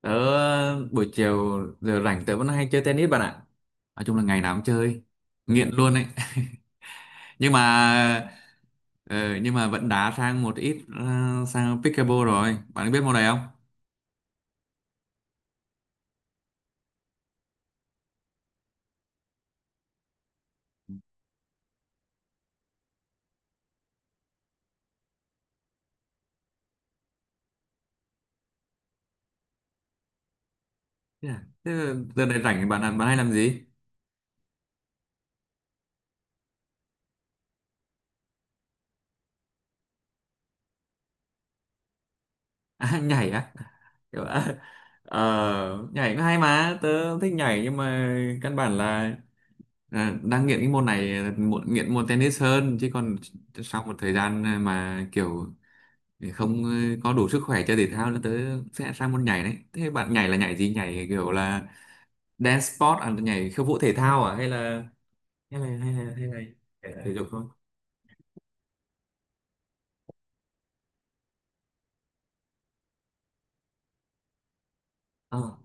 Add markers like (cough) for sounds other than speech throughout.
Tớ buổi chiều giờ rảnh tớ vẫn hay chơi tennis bạn ạ. Nói chung là ngày nào cũng chơi, nghiện luôn ấy. (laughs) Nhưng mà ờ, nhưng mà vẫn đá sang một ít sang pickleball rồi. Bạn biết môn này không? Thế à? Thế giờ này rảnh bạn bạn hay làm gì? (laughs) À, nhảy á. Kiểu, nhảy cũng hay mà, tớ thích nhảy nhưng mà căn bản là, đang nghiện cái môn này, nghiện môn tennis hơn, chứ còn sau một thời gian mà kiểu thì không, có đủ sức khỏe chơi thể thao là tớ sẽ sang môn nhảy đấy. Thế bạn nhảy là nhảy gì, nhảy kiểu là dance sport à, nhảy khiêu vũ thể thao à, hay là thể thể dục thôi? à,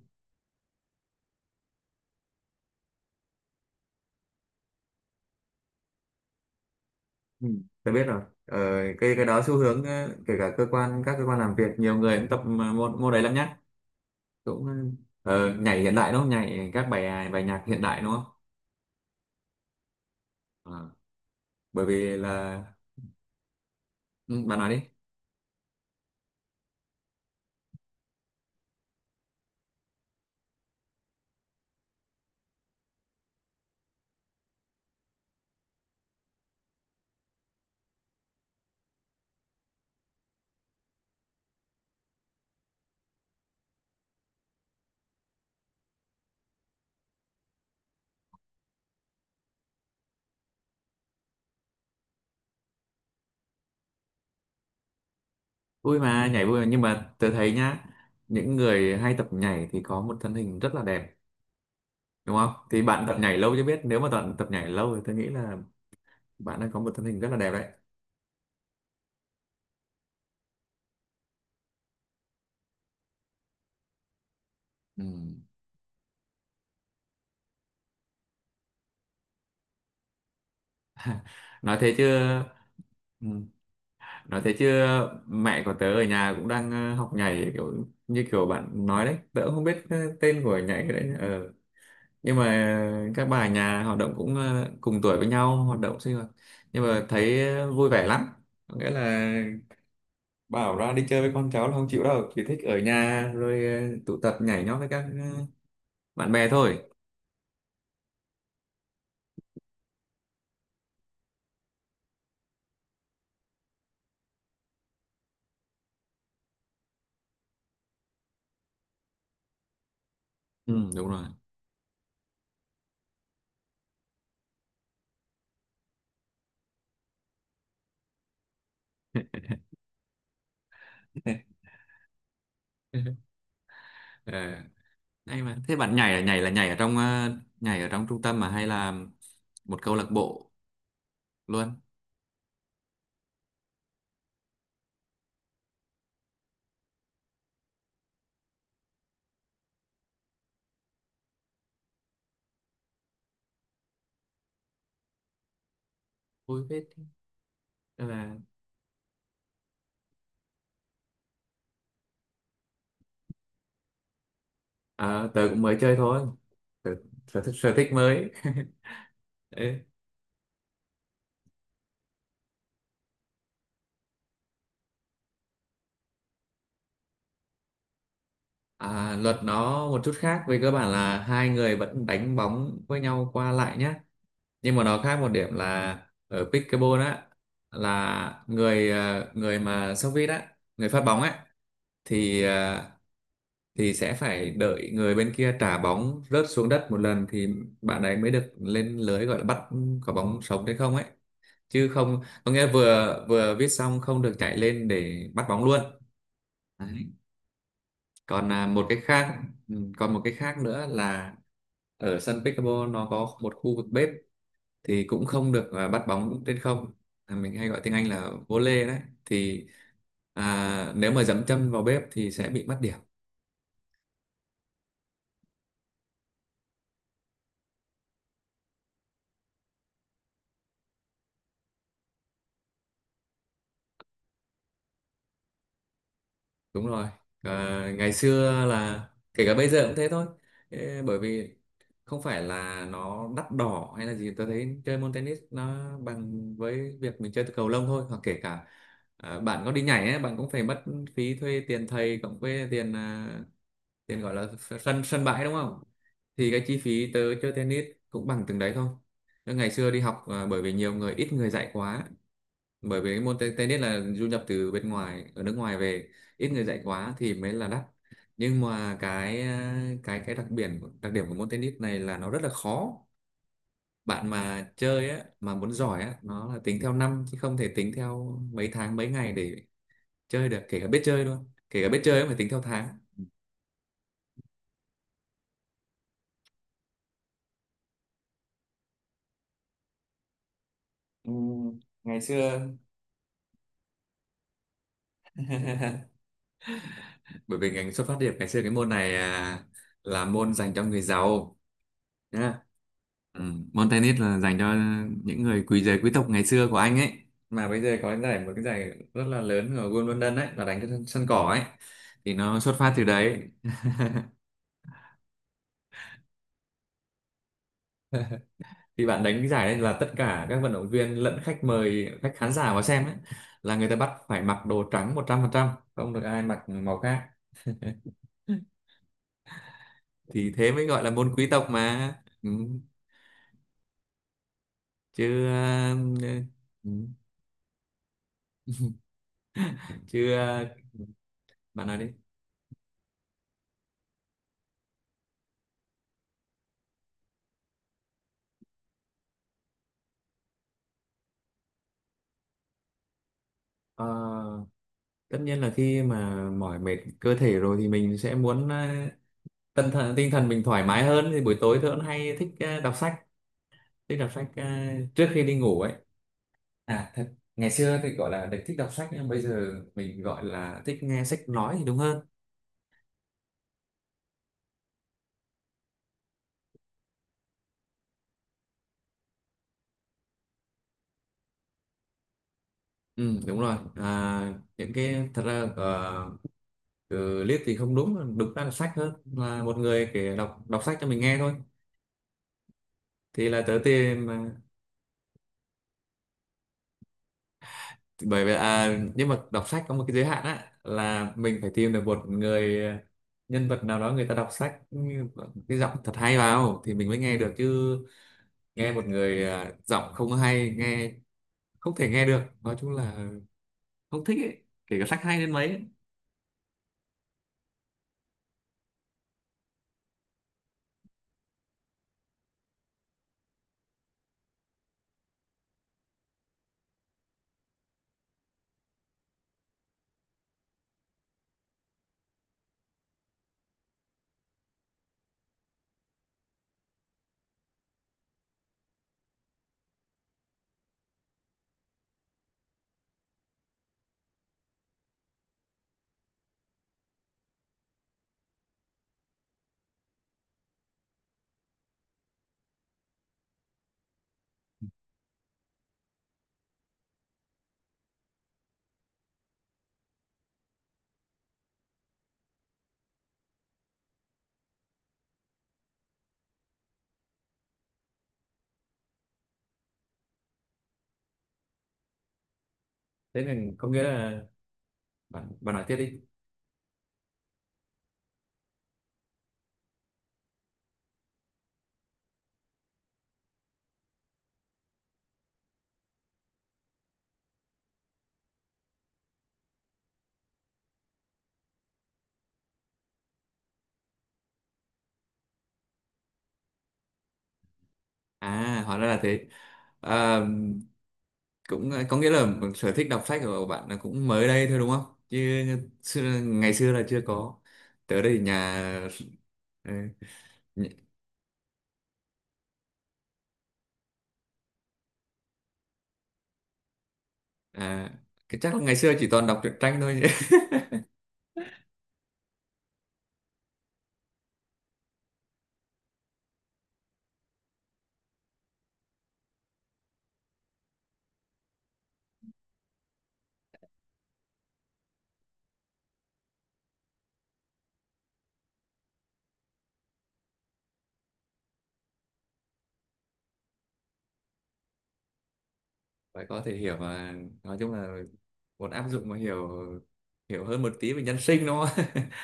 ừ, tớ biết rồi. Ờ, cái đó xu hướng, kể cả cơ quan, các cơ quan làm việc nhiều người cũng tập mà môn môn đấy lắm nhá. Cũng, nhảy hiện đại đúng không, nhảy bài nhạc hiện đại đúng không? Ờ, bởi vì là, ừ, bạn nói đi. Vui mà, nhảy vui mà. Nhưng mà tớ thấy nhá, những người hay tập nhảy thì có một thân hình rất là đẹp đúng không, thì bạn tập nhảy lâu chứ biết, nếu mà bạn tập nhảy lâu thì tôi nghĩ là bạn đang có một thân hình rất là đẹp đấy. Ừ. Nói thế chứ. Ừ. Nói thế chứ, mẹ của tớ ở nhà cũng đang, học nhảy kiểu như kiểu bạn nói đấy, tớ cũng không biết tên của nhảy đấy. Ừ. Nhưng mà, các bà ở nhà hoạt động cũng, cùng tuổi với nhau, hoạt động sinh hoạt, nhưng mà thấy vui vẻ lắm. Có nghĩa là bảo ra đi chơi với con cháu là không chịu đâu, chỉ thích ở nhà rồi, tụ tập nhảy nhót với các, ờ, bạn bè thôi. Ừ, đúng rồi. (laughs) (laughs) Ờ, hay mà. Thế bạn nhảy là nhảy ở trong trung tâm mà, hay là một câu lạc bộ luôn? Vui phết. Tức là, ờ, tớ cũng mới chơi thôi. Tớ, sở thích mới. (laughs) Đấy. Luật nó một chút khác, về cơ bản là hai người vẫn đánh bóng với nhau qua lại nhé, nhưng mà nó khác một điểm là, ở pickleball á, là người mà sốc vít á, người phát bóng á, thì thì sẽ phải đợi người bên kia trả bóng rớt xuống đất một lần thì bạn ấy mới được lên lưới, gọi là bắt quả bóng sống hay không ấy, chứ không có nghĩa vừa vừa viết xong không được chạy lên để bắt bóng luôn. Đấy. Còn, à, một cái khác ừ, còn một cái khác nữa là, ở sân pickleball nó có một khu vực bếp, thì cũng không được bắt bóng trên không. À, mình hay gọi tiếng Anh là vô lê đấy, thì, nếu mà dẫm chân vào bếp thì sẽ bị mất điểm. Đúng rồi. Ngày xưa là, kể cả bây giờ cũng thế thôi. Ê, bởi vì không phải là nó đắt đỏ hay là gì, tôi thấy chơi môn tennis nó bằng với việc mình chơi cầu lông thôi, hoặc kể cả, bạn có đi nhảy ấy, bạn cũng phải mất phí thuê tiền thầy, cộng với tiền, tiền gọi là sân sân bãi đúng không, thì cái chi phí tớ chơi tennis cũng bằng từng đấy thôi. Tớ ngày xưa đi học, bởi vì nhiều người ít người dạy quá, bởi vì cái môn tennis là du nhập từ bên ngoài, ở nước ngoài về, ít người dạy quá thì mới là đắt. Nhưng mà cái, đặc đặc điểm của môn tennis này là nó rất là khó. Bạn mà chơi á, mà muốn giỏi á, nó là tính theo năm, chứ không thể tính theo mấy tháng mấy ngày để chơi được, kể cả biết chơi luôn, kể cả biết chơi cũng phải tính theo tháng. Ừ, ngày xưa (laughs) bởi vì ngành xuất phát điểm ngày xưa, cái môn này, là môn dành cho người giàu. Ừ, môn tennis là dành cho những người giới quý tộc ngày xưa của Anh ấy, mà bây giờ có một cái giải rất là lớn ở Wimbledon London ấy, là đánh trên sân sân cỏ ấy, thì nó xuất phát từ đấy. Thì bạn đánh cái giải đấy, là tất cả các vận động viên lẫn khách mời, khách khán giả vào xem ấy, là người ta bắt phải mặc đồ trắng 100%, không được ai mặc màu khác, thì thế mới gọi là môn quý tộc mà. Ừ. Chứ, ừ. Ừ, chứ, bạn nói đi. Ờ, tất nhiên là khi mà mỏi mệt cơ thể rồi thì mình sẽ muốn, tinh thần mình thoải mái hơn, thì buổi tối tôi cũng hay thích, đọc sách. Thích đọc sách, trước khi đi ngủ ấy. Thật, ngày xưa thì gọi là được thích đọc sách, nhưng bây giờ mình gọi là thích nghe sách nói thì đúng hơn. Ừ đúng rồi. Những cái thật ra, từ liếc thì không đúng đúng ra là sách, hơn là một người kể đọc đọc sách cho mình nghe thôi. Thì là tớ tìm, bởi vì, nhưng mà đọc sách có một cái giới hạn á, là mình phải tìm được một người, nhân vật nào đó người ta đọc sách cái giọng thật hay vào thì mình mới nghe được, chứ nghe một người, giọng không hay nghe, không thể nghe được, nói chung là không thích ấy, kể cả sách hay đến mấy ấy. Thế nên có nghĩa là, bạn bạn nói tiếp đi. Hóa ra là thế. Cũng, có nghĩa là sở thích đọc sách của bạn là cũng mới đây thôi đúng không, chứ ngày xưa là chưa có, tới đây nhà, ờ, nh- à, cái chắc là ngày xưa chỉ toàn đọc truyện tranh thôi nhỉ? (laughs) Phải có thể hiểu mà, nói chung là muốn áp dụng mà hiểu hiểu hơn một tí về nhân sinh đúng không. (laughs)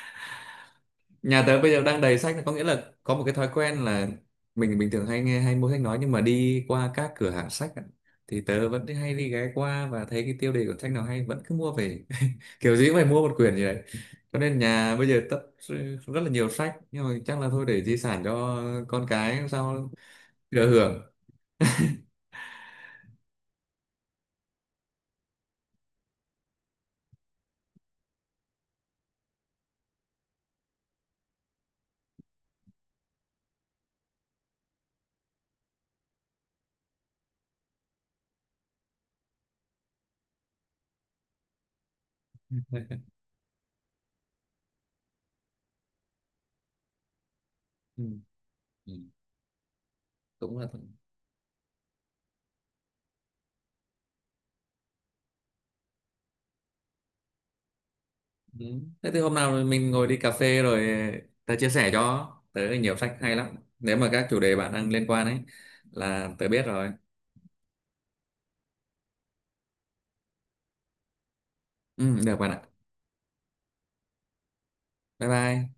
Nhà tớ bây giờ đang đầy sách, có nghĩa là có một cái thói quen là, mình bình thường hay nghe hay mua sách nói, nhưng mà đi qua các cửa hàng sách ạ, thì tớ vẫn hay đi ghé qua, và thấy cái tiêu đề của sách nào hay vẫn cứ mua về. (laughs) Kiểu gì cũng phải mua một quyển gì đấy, cho nên nhà bây giờ rất là nhiều sách, nhưng mà chắc là thôi, để di sản cho con cái sau thừa hưởng. Ừ. Ừ. Cũng là, ừ. Thế thì hôm nào mình ngồi đi cà phê rồi tớ chia sẻ cho, tớ nhiều sách hay lắm nếu mà các chủ đề bạn đang liên quan ấy, là tớ biết rồi. Ừ, được bạn ạ. Bye bye.